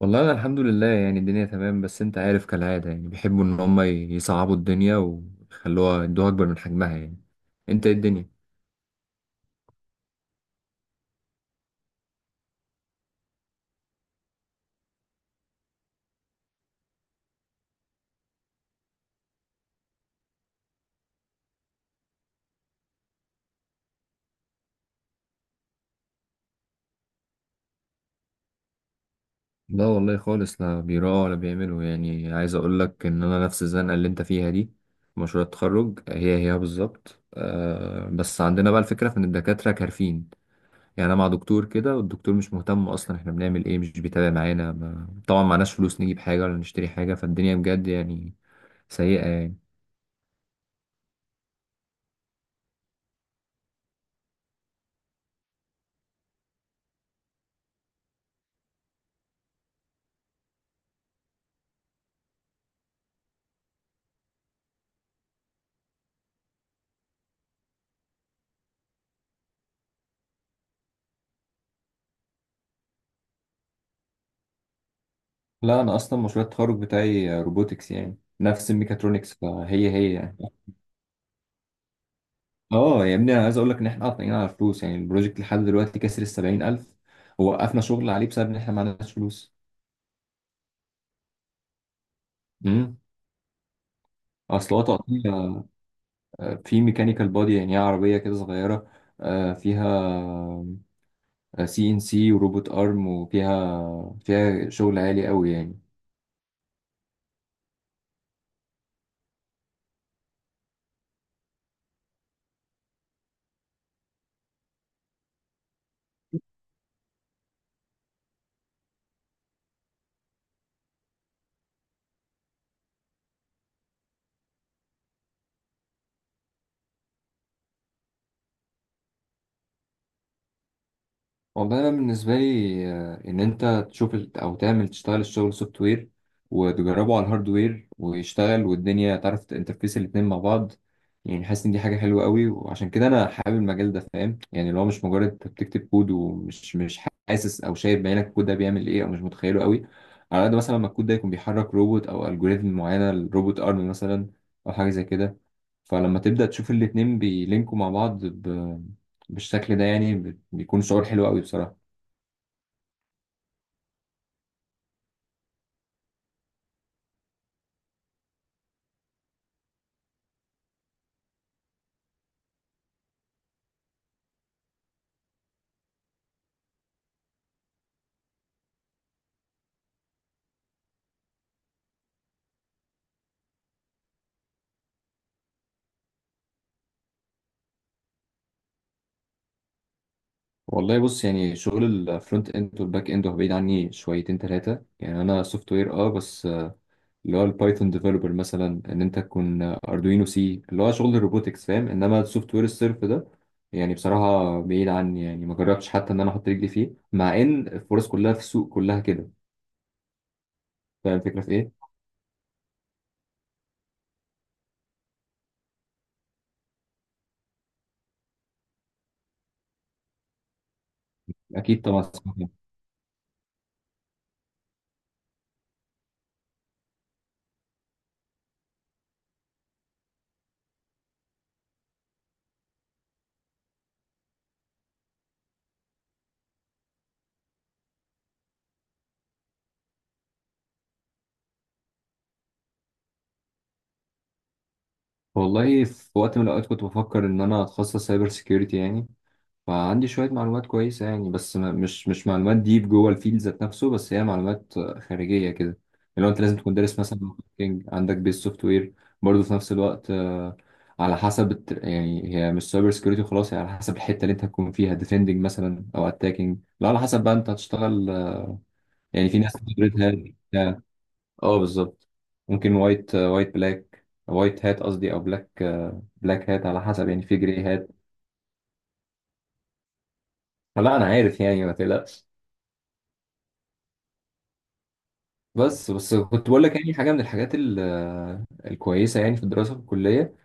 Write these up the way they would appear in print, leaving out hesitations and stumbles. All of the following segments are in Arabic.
والله انا الحمد لله، يعني الدنيا تمام. بس انت عارف كالعاده، يعني بيحبوا ان هم يصعبوا الدنيا ويخلوها يدوها اكبر من حجمها يعني. انت ايه الدنيا؟ لا والله خالص، لا بيراعوا ولا بيعملوا، يعني عايز اقول لك ان انا نفس الزنقه اللي انت فيها دي. مشروع التخرج هي بالظبط. أه، بس عندنا بقى الفكره في ان الدكاتره كارفين. يعني انا مع دكتور كده، والدكتور مش مهتم اصلا احنا بنعمل ايه، مش بيتابع معانا ما... طبعا معناش فلوس نجيب حاجه ولا نشتري حاجه، فالدنيا بجد يعني سيئه يعني. لا، انا اصلا مشروع التخرج بتاعي روبوتكس، يعني نفس الميكاترونكس فهي يعني. اه يا ابني، انا عايز اقول لك ان احنا قاطعين على فلوس، يعني البروجكت لحد دلوقتي كسر ال 70,000، ووقفنا شغل عليه بسبب ان احنا ما عندناش فلوس. امم اصل هو تقطيع. في ميكانيكال بودي، يعني هي عربيه كده صغيره. فيها سي ان سي وروبوت ارم، وفيها شغل عالي قوي يعني. والله أنا بالنسبة لي إن أنت تشوف أو تعمل تشتغل الشغل سوفت وير وتجربه على الهاردوير ويشتغل، والدنيا تعرف تنترفيس الاتنين مع بعض، يعني حاسس إن دي حاجة حلوة قوي، وعشان كده أنا حابب المجال ده، فاهم؟ يعني اللي هو مش مجرد أنت بتكتب كود ومش مش حاسس أو شايف بعينك الكود ده بيعمل إيه، أو مش متخيله قوي على قد مثلا ما الكود ده يكون بيحرك روبوت أو ألجوريزم معينة، الروبوت أرم مثلا أو حاجة زي كده. فلما تبدأ تشوف الاتنين بيلينكوا مع بعض بالشكل ده، يعني بيكون شعور حلو قوي بصراحة. والله بص، يعني شغل الفرونت اند والباك اند هو بعيد عني شويتين ثلاثة، يعني انا سوفت وير اه، بس اللي هو البايثون ديفلوبر مثلا، ان انت تكون اردوينو سي اللي هو شغل الروبوتكس، فاهم؟ انما السوفت وير الصرف ده يعني بصراحة بعيد عني، يعني ما جربتش حتى ان انا احط رجلي فيه، مع ان الفرص كلها في السوق كلها كده. فاهم الفكرة في ايه؟ اكيد طبعا. والله في وقت من الاوقات كنت بفكر ان انا اتخصص سايبر سيكيورتي يعني، فعندي شوية معلومات كويسة يعني، بس ما مش معلومات ديب جوه الفيلد ذات نفسه، بس هي معلومات خارجية كده. اللي هو أنت لازم تكون دارس مثلا marketing، عندك بيز سوفت وير برضه في نفس الوقت. على حسب يعني هي مش سايبر سكيورتي خلاص، هي على حسب الحتة اللي أنت هتكون فيها، ديفندنج مثلا أو أتاكينج، لا على حسب بقى أنت هتشتغل. يعني في ناس ريد هات بتاع. أه بالظبط. ممكن وايت بلاك وايت هات قصدي، أو بلاك، بلاك هات على حسب، يعني في جري هات. فلا أنا عارف يعني ما تقلقش. بس كنت بقول لك يعني حاجه من الحاجات الكويسه يعني في الدراسه في الكليه،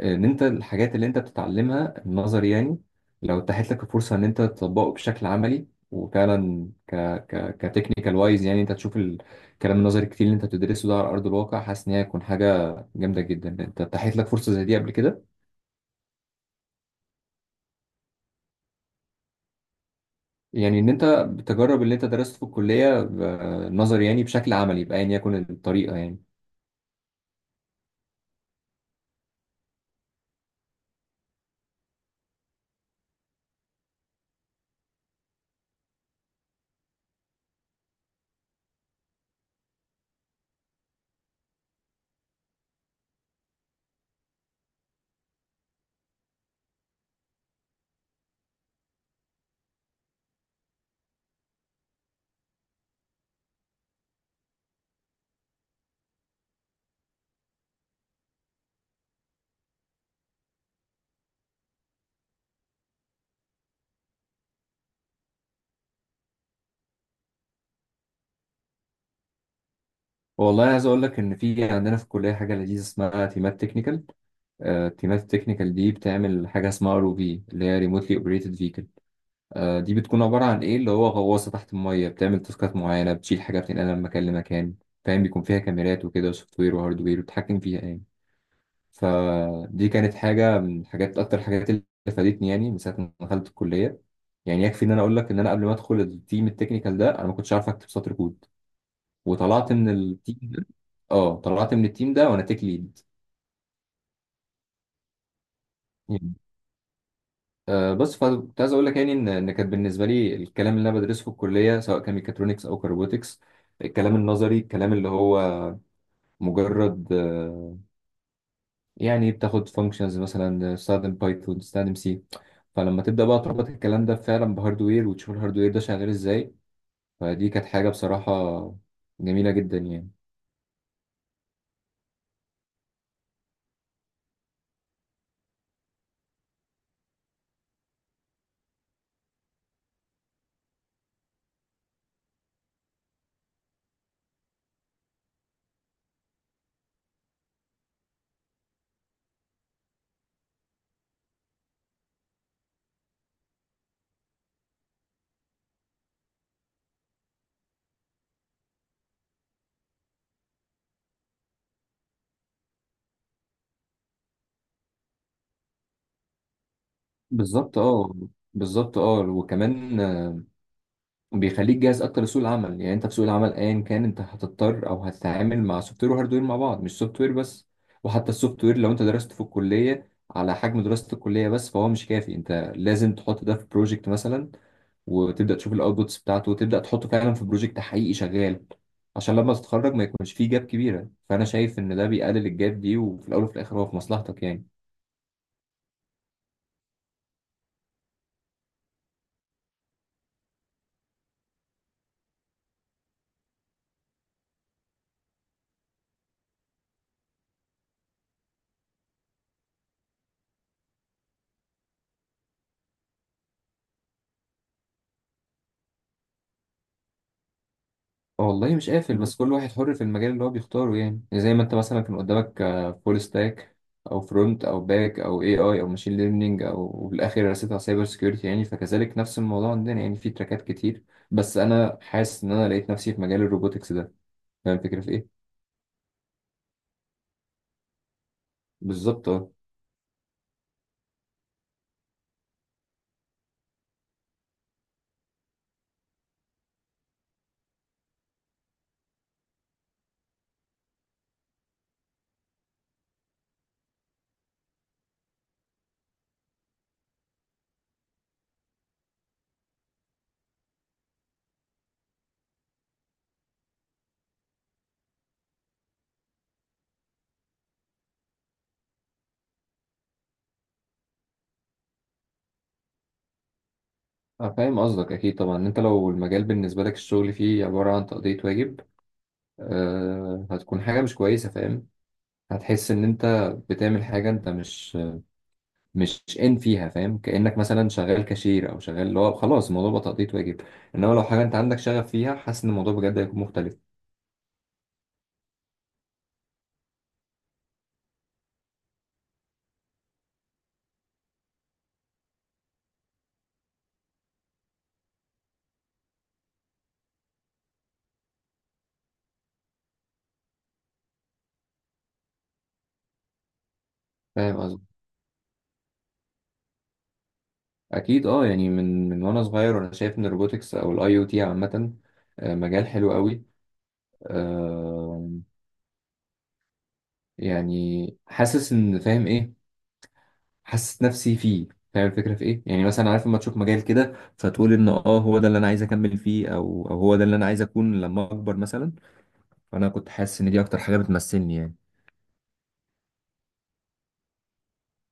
ان انت الحاجات اللي انت بتتعلمها النظر يعني لو اتاحت لك الفرصه ان انت تطبقه بشكل عملي وفعلا ك ك كتكنيكال وايز، يعني انت تشوف الكلام النظري كتير اللي انت بتدرسه ده على ارض الواقع، حاسس ان هي هتكون حاجه جامده جدا. انت اتاحت لك فرصه زي دي قبل كده؟ يعني ان انت بتجرب اللي انت درسته في الكليه نظري يعني بشكل عملي بايا يكن الطريقه يعني. والله عايز اقول لك ان في عندنا في الكليه حاجه لذيذه اسمها تيمات تكنيكال. التيمات التكنيكال دي بتعمل حاجه اسمها ار او في، اللي هي ريموتلي اوبريتد فيكل. دي بتكون عباره عن ايه اللي هو غواصه تحت الميه بتعمل تاسكات معينه، بتشيل حاجه بتنقلها من مكان لمكان، فاهم؟ بيكون فيها كاميرات وكده وسوفت وير وهارد وير، وبتحكم فيها يعني. فدي كانت حاجه من الحاجات اكتر حاجات اللي فادتني يعني من ساعه ما دخلت الكليه. يعني يكفي ان انا اقول لك ان انا قبل ما ادخل التيم التكنيكال ده انا ما كنتش عارف اكتب سطر كود، وطلعت من التيم ده. اه، طلعت من التيم ده وانا تيك ليد يعني. بس فكنت عايز اقول لك يعني ان كانت بالنسبه لي الكلام اللي انا بدرسه في الكليه، سواء كان ميكاترونكس او كروبوتكس، الكلام النظري الكلام اللي هو مجرد يعني بتاخد فانكشنز مثلا، استخدم بايثون استخدم سي. فلما تبدا بقى تربط الكلام ده فعلا بهاردوير وتشوف الهاردوير ده شغال ازاي، فدي كانت حاجه بصراحه جميله جدا يعني. بالظبط اه. بالظبط اه، وكمان بيخليك جاهز اكتر لسوق العمل، يعني انت في سوق العمل ايا كان انت هتضطر او هتتعامل مع سوفت وير وهاردوير مع بعض، مش سوفت وير بس. وحتى السوفت وير لو انت درسته في الكليه على حجم دراسه الكليه بس فهو مش كافي، انت لازم تحط ده في بروجكت مثلا، وتبدا تشوف الاوتبوتس بتاعته وتبدا تحطه فعلا في بروجكت حقيقي شغال، عشان لما تتخرج ما يكونش فيه جاب كبيره. فانا شايف ان ده بيقلل الجاب دي، وفي الاول وفي الاخر هو في مصلحتك يعني. والله مش قافل، بس كل واحد حر في المجال اللي هو بيختاره يعني. يعني زي ما انت مثلا كان قدامك فول ستاك او فرونت او باك او اي اي او ماشين ليرنينج وبالاخر رسيت على سايبر سكيورتي يعني، فكذلك نفس الموضوع عندنا يعني، في تراكات كتير، بس انا حاسس ان انا لقيت نفسي في مجال الروبوتكس ده، فاهم الفكره في ايه؟ بالظبط اه. أنا فاهم قصدك اكيد طبعا، إن انت لو المجال بالنسبه لك الشغل فيه عباره عن تقضيه واجب، أه هتكون حاجه مش كويسه، فاهم؟ هتحس ان انت بتعمل حاجه انت مش ان فيها، فاهم؟ كانك مثلا شغال كاشير او شغال اللي هو خلاص الموضوع بقى تقضية واجب. انما لو حاجه انت عندك شغف فيها، حاسس ان الموضوع بجد هيكون مختلف. فاهم قصدي؟ اكيد اه. يعني من وانا صغير وانا شايف ان الروبوتكس او الاي او تي عامه مجال حلو قوي. آه، يعني حاسس ان فاهم ايه؟ حاسس نفسي فيه، فاهم الفكره في ايه؟ يعني مثلا عارف لما تشوف مجال كده فتقول ان اه هو ده اللي انا عايز اكمل فيه، او هو ده اللي انا عايز اكون لما اكبر مثلا. فانا كنت حاسس ان دي اكتر حاجه بتمثلني يعني